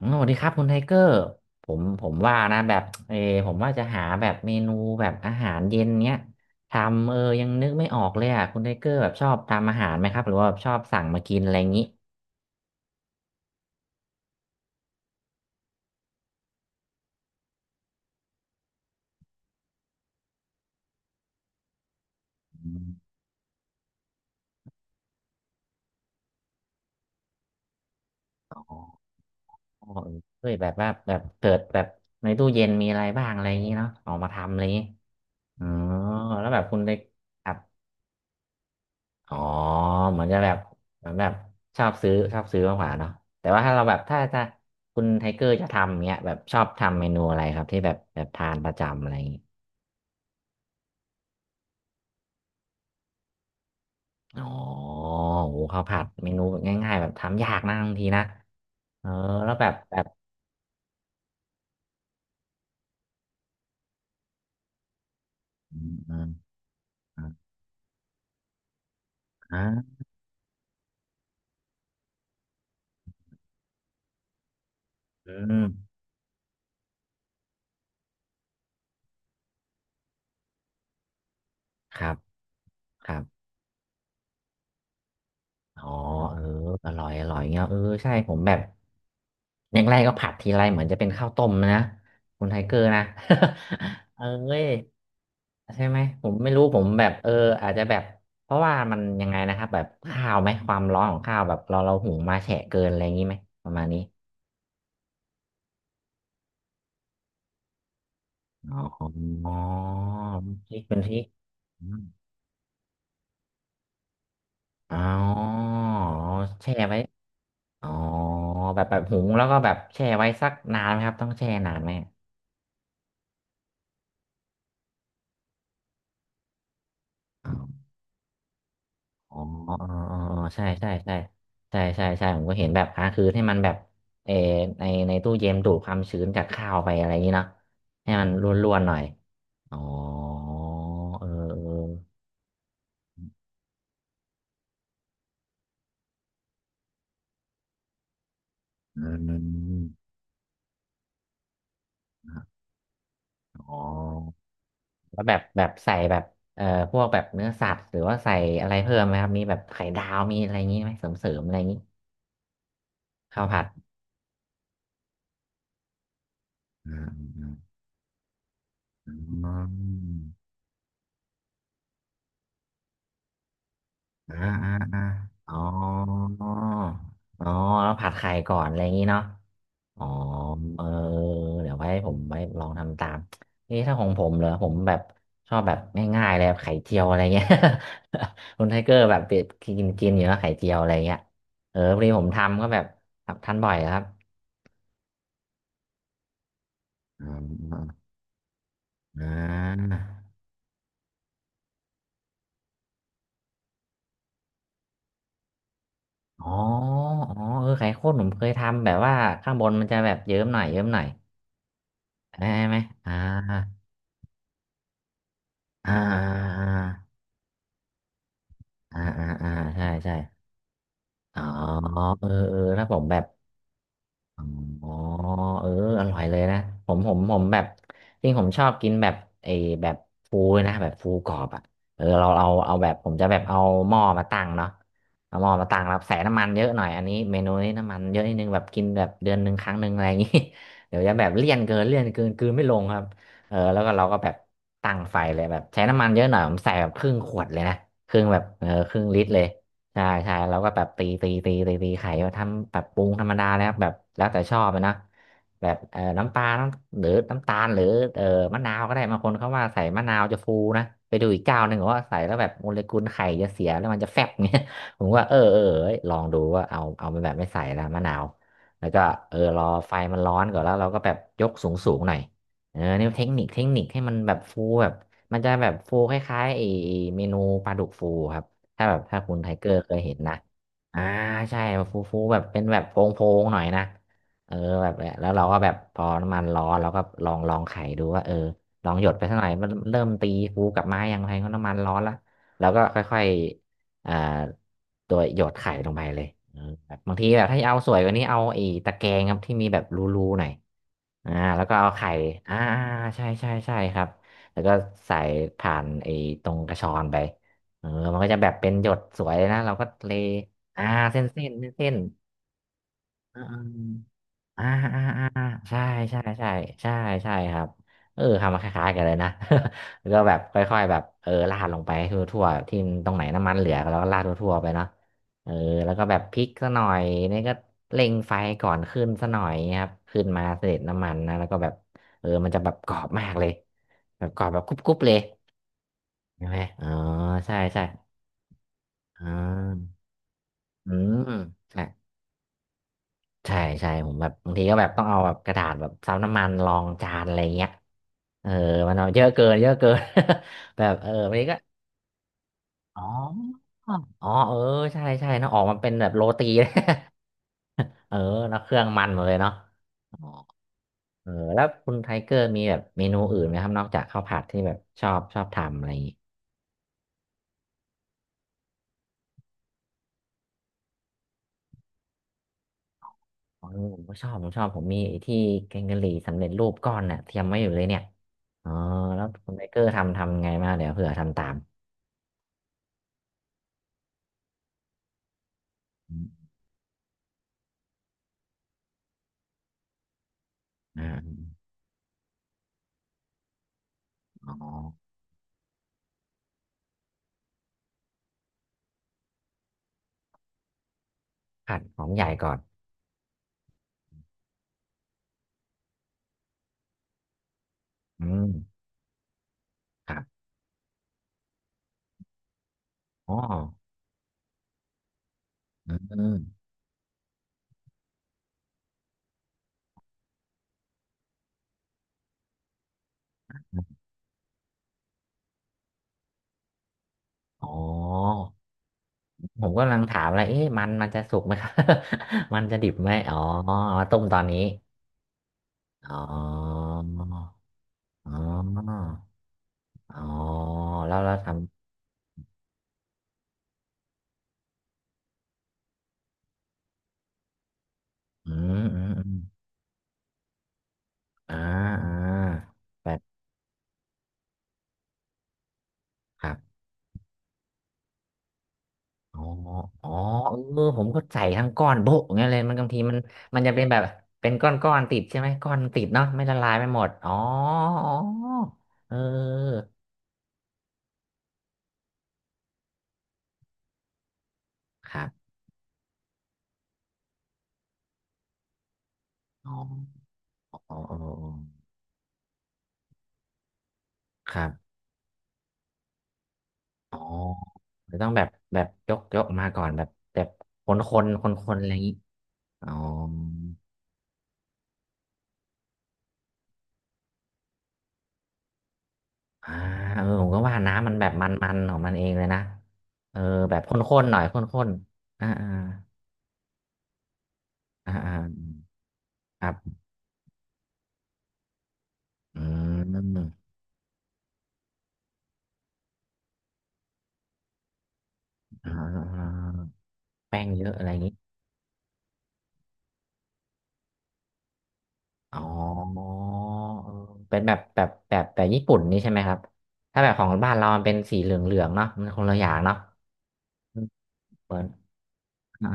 อ๋อสวัสดีครับคุณไทเกอร์ผมว่านะแบบผมว่าจะหาแบบเมนูแบบอาหารเย็นเนี้ยทำยังนึกไม่ออกเลยอ่ะคุณไทเกอร์แบบชอบทำอาหารไหมครับหรือว่าแบบชอบสั่งมากินอะไรอย่างนี้อืมอ๋อเออเฮ้ยแบบว่าแบบเปิดแบบในตู้เย็นมีอะไรบ้างอะไรอย่างนี้เนาะออกมาทำอะไรอย่างนี้อ๋อแล้วแบบคุณไทครับ อ๋อเหมือนจะแบบเหมือนแบบชอบซื้อมากกว่าเนาะแต่ว่าถ้าเราแบบถ้าคุณไทเกอร์จะทำเงี้ยแบบชอบทำเมนูอะไรครับที่แบบทานประจำอะไรอย่างงี้อ๋อโหข้าวผัดเมนูแบบง่ายๆแบบทำยากนะบางทีนะเออแล้วแบบอืมอมอ่าอืมครับครับอ๋อเอออร่อยเงี้ยเออใช่ผมแบบอย่างแรกก็ผัดทีไรเหมือนจะเป็นข้าวต้มนะคุณไทเกอร์นะ เอ้ย ใช่ไหมผมไม่รู้ผมแบบเอออาจจะแบบเพราะว่ามันยังไงนะครับแบบข้าวไหมความร้อนของข้าวแบบเราหุงมาแฉะเกินอะไรอย่างนี้ไหมประมาณนี้อ๋ออ๋อพริกเป็นพริกอมอ๋อแช่ไว้อ๋อแบบหุงแล้วก็แบบแช่ไว้สักนานไหมครับต้องแช่นานไหมอ๋อ อ๋ออ๋ออ๋ออ๋อใช่ใช่ใช่ใช่ใช่ใช่ผมก็เห็นแบบอ่ะคือให้มันแบบเออในตู้เย็นดูดความชื้นจากข้าวไปอะไรอย่างนี้เนาะให้มันร่วนๆหน่อย อ๋อเออเอออืมอ๋อแล้วแบบแบบใส่แบบเอ่อพวกแบบเนื้อสัตว์หรือว่าใส่อะไรเพิ่มไหมครับมีแบบไข่ดาวมีอะไรอย่างนี้ไหมเสริมๆอะไรอย่างนี้ข้าวผัดอืมอืมอืม อ่าอ่าอ่าอ๋ออ๋อแล้วผัดไข่ก่อนอะไรอย่างนี้เนาะอ๋อเออเดี๋ยวไว้ผมไว้ลองทำตามเอ๊ะถ้าของผมเหรอผมแบบชอบแบบง่ายๆเลยแบบไข่เจียวอะไรเงี้ย คุณไทเกอร์แบบเป็ดกินกินอยู่แล้วไข่เจียวอะไรเงี้ยเออพอดีผมทำก็แบบทำทานบ่อยครับอ่าอ่าอ๋ออ๋อเออไข่ข้นผมเคยทำแบบว่าข้างบนมันจะแบบเยิ้มหน่อยได้ไหมอ่าอ่าอ่า อ่าอ่าอ่าใช่ใช่อ๋อเออเออถ้าผมแบบอ๋อเอออร่อยเลยนะผมแบบจริงผมชอบกินแบบไอ้แบบฟูนะแบบฟูกรอบอ่ะเออเราเอาแบบผมจะแบบเอาหม้อมาตั้งเนาะเอาหม้อมาตั้งแล้วใส่น้ำมันเยอะหน่อยอันนี้เมนูนี้น้ำมันเยอะนิดนึงแบบกินแบบเดือนหนึ่งครั้งหนึ่งอะไรอย่างงี้ เดี๋ยวจะแบบเลี่ยนเกินกลืนไม่ลงครับเออแล้วก็เราก็แบบตั้งไฟเลยแบบใช้น้ำมันเยอะหน่อยผมใส่แบบครึ่งขวดเลยนะครึ่งแบบเออครึ่งลิตรเลย ใช่ใช่เราก็แบบตีไข่มาทำแบบปรุงธรรมดาแล้วแบบแล้วแต่ชอบอะนะแบบน้ำปลาน้ำหรือน้ำตาลหรือเอ่อมะนาวก็ได้บางคนเขาว่าใส่มะนาวจะฟูนะไปดูอีกเจ้าหนึ่งบอกว่าใส่แล้วแบบโมเลกุลไข่จะเสียแล้วมันจะแฟบเงี้ย ผมว่าเออเอ้ยลองดูว่าเอาไปแบบไม่ใส่ละมะนาวแล้วก็เออรอไฟมันร้อนก่อนแล้วเราก็แบบยกสูงหน่อยเออนี่เทคนิคให้มันแบบฟูแบบมันจะแบบฟูคล้ายๆไอ้เมนูปลาดุกฟูครับ ถ้าแบบถ้าคุณไทเกอร์เคยเห็นนะอ่าใช่ฟูแบบเป็นแบบโพงหน่อยนะเออแบบแล้วเราก็แบบพอน้ำมันร้อนเราก็ลองไขดูว่าเออลองหยดไปสักหน่อยมันเริ่มตีฟูกลับมายังไงก็น้ำมันร้อนละแล้วก็ค่อยๆอ่าตัวหยดไข่ลงไปเลยเออแบบบางทีแบบถ้าจะเอาสวยกว่านี้เอาไอ้ตะแกรงครับที่มีแบบรูๆหน่อยอ่าแล้วก็เอาไข่อ่าใช่ใช่ใช่ครับแล้วก็ใส่ผ่านไอ้ตรงกระชอนไป เออมันก็จะแบบเป็นหยดสวยเลยนะเราก็เลอ่าเส้นอ่าอ่าอ่าอ่าอ่าใช่ใช่ใช่ใช่ใช่ครับเออทำมาคล้ายๆกันเลยนะ แล้วก็แบบค่อยๆแบบเออราดลงไปทั่วๆที่ตรงไหนน้ำมันเหลือเราก็ราดทั่วๆไปเนาะเออแล้วก็แบบพริกซะหน่อยนี่ก็เร่งไฟก่อนขึ้นซะหน่อยครับขึ้นมาเสร็จน้ำมันนะแล้วก็แบบเออมันจะแบบกรอบมากเลยแบบกรอบแบบกรุบๆเลยใช่ไหมอ๋อใช่ใช่อ๋อ อืมใช่ใช่ใช่ผมแบบบางทีก็แบบต้องเอาแบบกระดาษแบบซับน้ำมันรองจานอะไรเงี้ยเออมันเอาเยอะเกินเยอะเกิน แบบเออบางทีก็อ๋ออ๋อเออใช่ใช่เนอะออกมาเป็นแบบโรตี เออเนอะเครื่องมันหมดเลยเนาะอ๋อเออแล้วคุณไทเกอร์มีแบบเมนูอื่นไหมครับนอกจากข้าวผัดที่แบบชอบทำอะไร อ๋อผมก็ชอบผมชอบผมมีไอ้ที่แกงกะหรี่สำเร็จรูปก้อนน่ะเตรียมไว้อยู่เลยเนี่ยอ๋อแล้วคุณไบเกอร์ทำทำไงมางเดี๋ยวเผื่อทำตามอมอ่าอ๋อผัดหอมใหญ่ก่อนอืมครับอ๋ออืมอ๋อผมก็กำลังถามอะไรเอ๊ะมันจะสุกไหมครับ มันจะดิบไหมอ๋อเอามาต้มตอนนี้อ๋ออ๋ออ๋อแล้วเราทำอืมอ่าอ่าแบบครับ อ๋ออ๋อเออผมก็ใส่ทั้งก้อนโบะอย่างเงี้ยเลยมันบางทีมันจะเป็นแบบเป็นก้อนก้อนติดใช่ไหมก้อนติดเนาะไม่ละลายไม่หมดอ๋ออ๋อเออครับอ๋ออ๋ออ๋ออ๋อครับอ๋อจะต้องแบบแบบยกมาก่อนแบบแบบคนอะไรอย่างงี้อ๋ออ่าผมก็ว่าน้ำมันแบบมันของมันเองเลยนะเออแบบข้นๆหน่อยข้นๆอ่าอ่าอ่าอ่าครับอืม อ่าแป้งเยอะอะไรอย่างนี้อ๋อเออเป็นแบบแบบญี่ปุ่นนี่ใช่ไหมครับถ้าแบบของบ้านเรามันเป็นสีเหลืองเหลืองเนาะมันคนละอย่างเนาะอืมเหมือนอ่า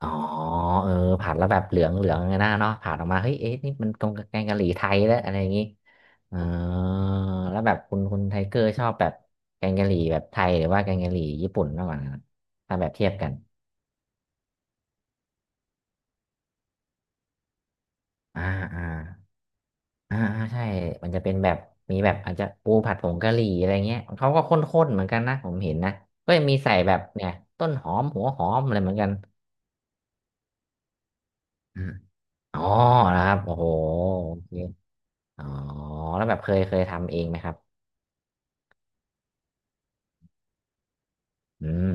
อ๋อเออผัดแล้วแบบเหลืองเหลืองไงนะเนาะผัดออกมาเฮ้ยเอ๊ะนี่มันตรงกับแกงกะหรี่ไทยแล้วอะไรอย่างนี้เออแล้วแบบคุณไทเกอร์ชอบแบบแกงกะหรี่แบบไทยหรือว่าแกงกะหรี่ญี่ปุ่นมากกว่ากันถ้าแบบเทียบกันอ่าอ่า อ่าอ่าใช่มันจะเป็นแบบมีแบบอาจจะปูผัดผงกะหรี่อะไรเงี้ยเขาก็ข้นๆเหมือนกันนะผมเห็นนะก็ยังมีใส่แบบเนี่ยต้นหอมหัวหอมอะไรเหมือนกันอมอ๋อนะครับโอ้โหโอเคอ๋อแล้วแบบเคยทำเองไหมครับอืม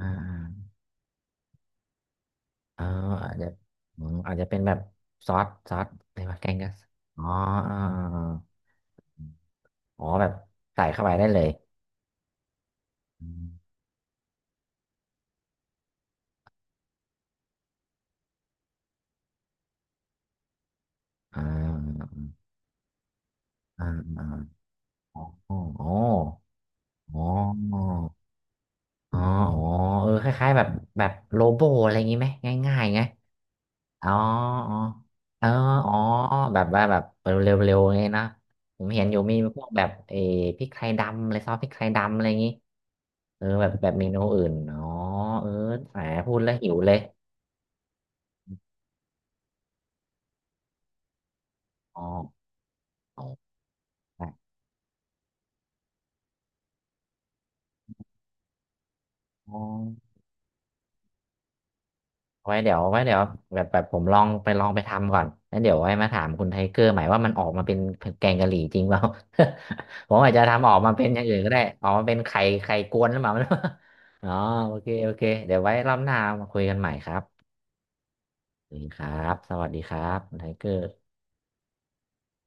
อ่าอ่าอ๋ออาจจะอืมอาจจะเป็นแบบซอสอะไรวะแกงกัสอ๋ออ่าอาอาอ๋อแบบใส่เข้าไปได้เลยอืมอ่าอ่าอ่าอ๋ออ๋ออ๋อ อ๋ออ๋อเออคล้ายๆแบบแบบโลโบอะไรอย่างงี้ไหมง่ายๆไงอ๋ออ๋อเอออ๋อแบบว่าแบบเร็วๆไงนะผมเห็นอยู่มีพวกแบบเออพริกไทยดำอะไรซอสพริกไทยดำอะไรอย่างงี้เออแบบเมนูอื่นอ๋อเออแหมพูดแล้วหิวเลยอ๋ออ๋อ ไว้เดี๋ยวแบบแบบผมลองไปทำก่อนแล้วเดี๋ยวไว้มาถามคุณไทเกอร์ใหม่ว่ามันออกมาเป็นแกงกะหรี่จริงเปล่า ผมอาจจะทำออกมาเป็นอย่างอื่นก็ได้ออกมาเป็นไข่กวนหรือเปล่า อ๋อโอเคโอเคเดี๋ยวไว้รอบหน้ามาคุยกันใหม่ครับสวัสดีครับสวัสดีครับคุณไทเกอร์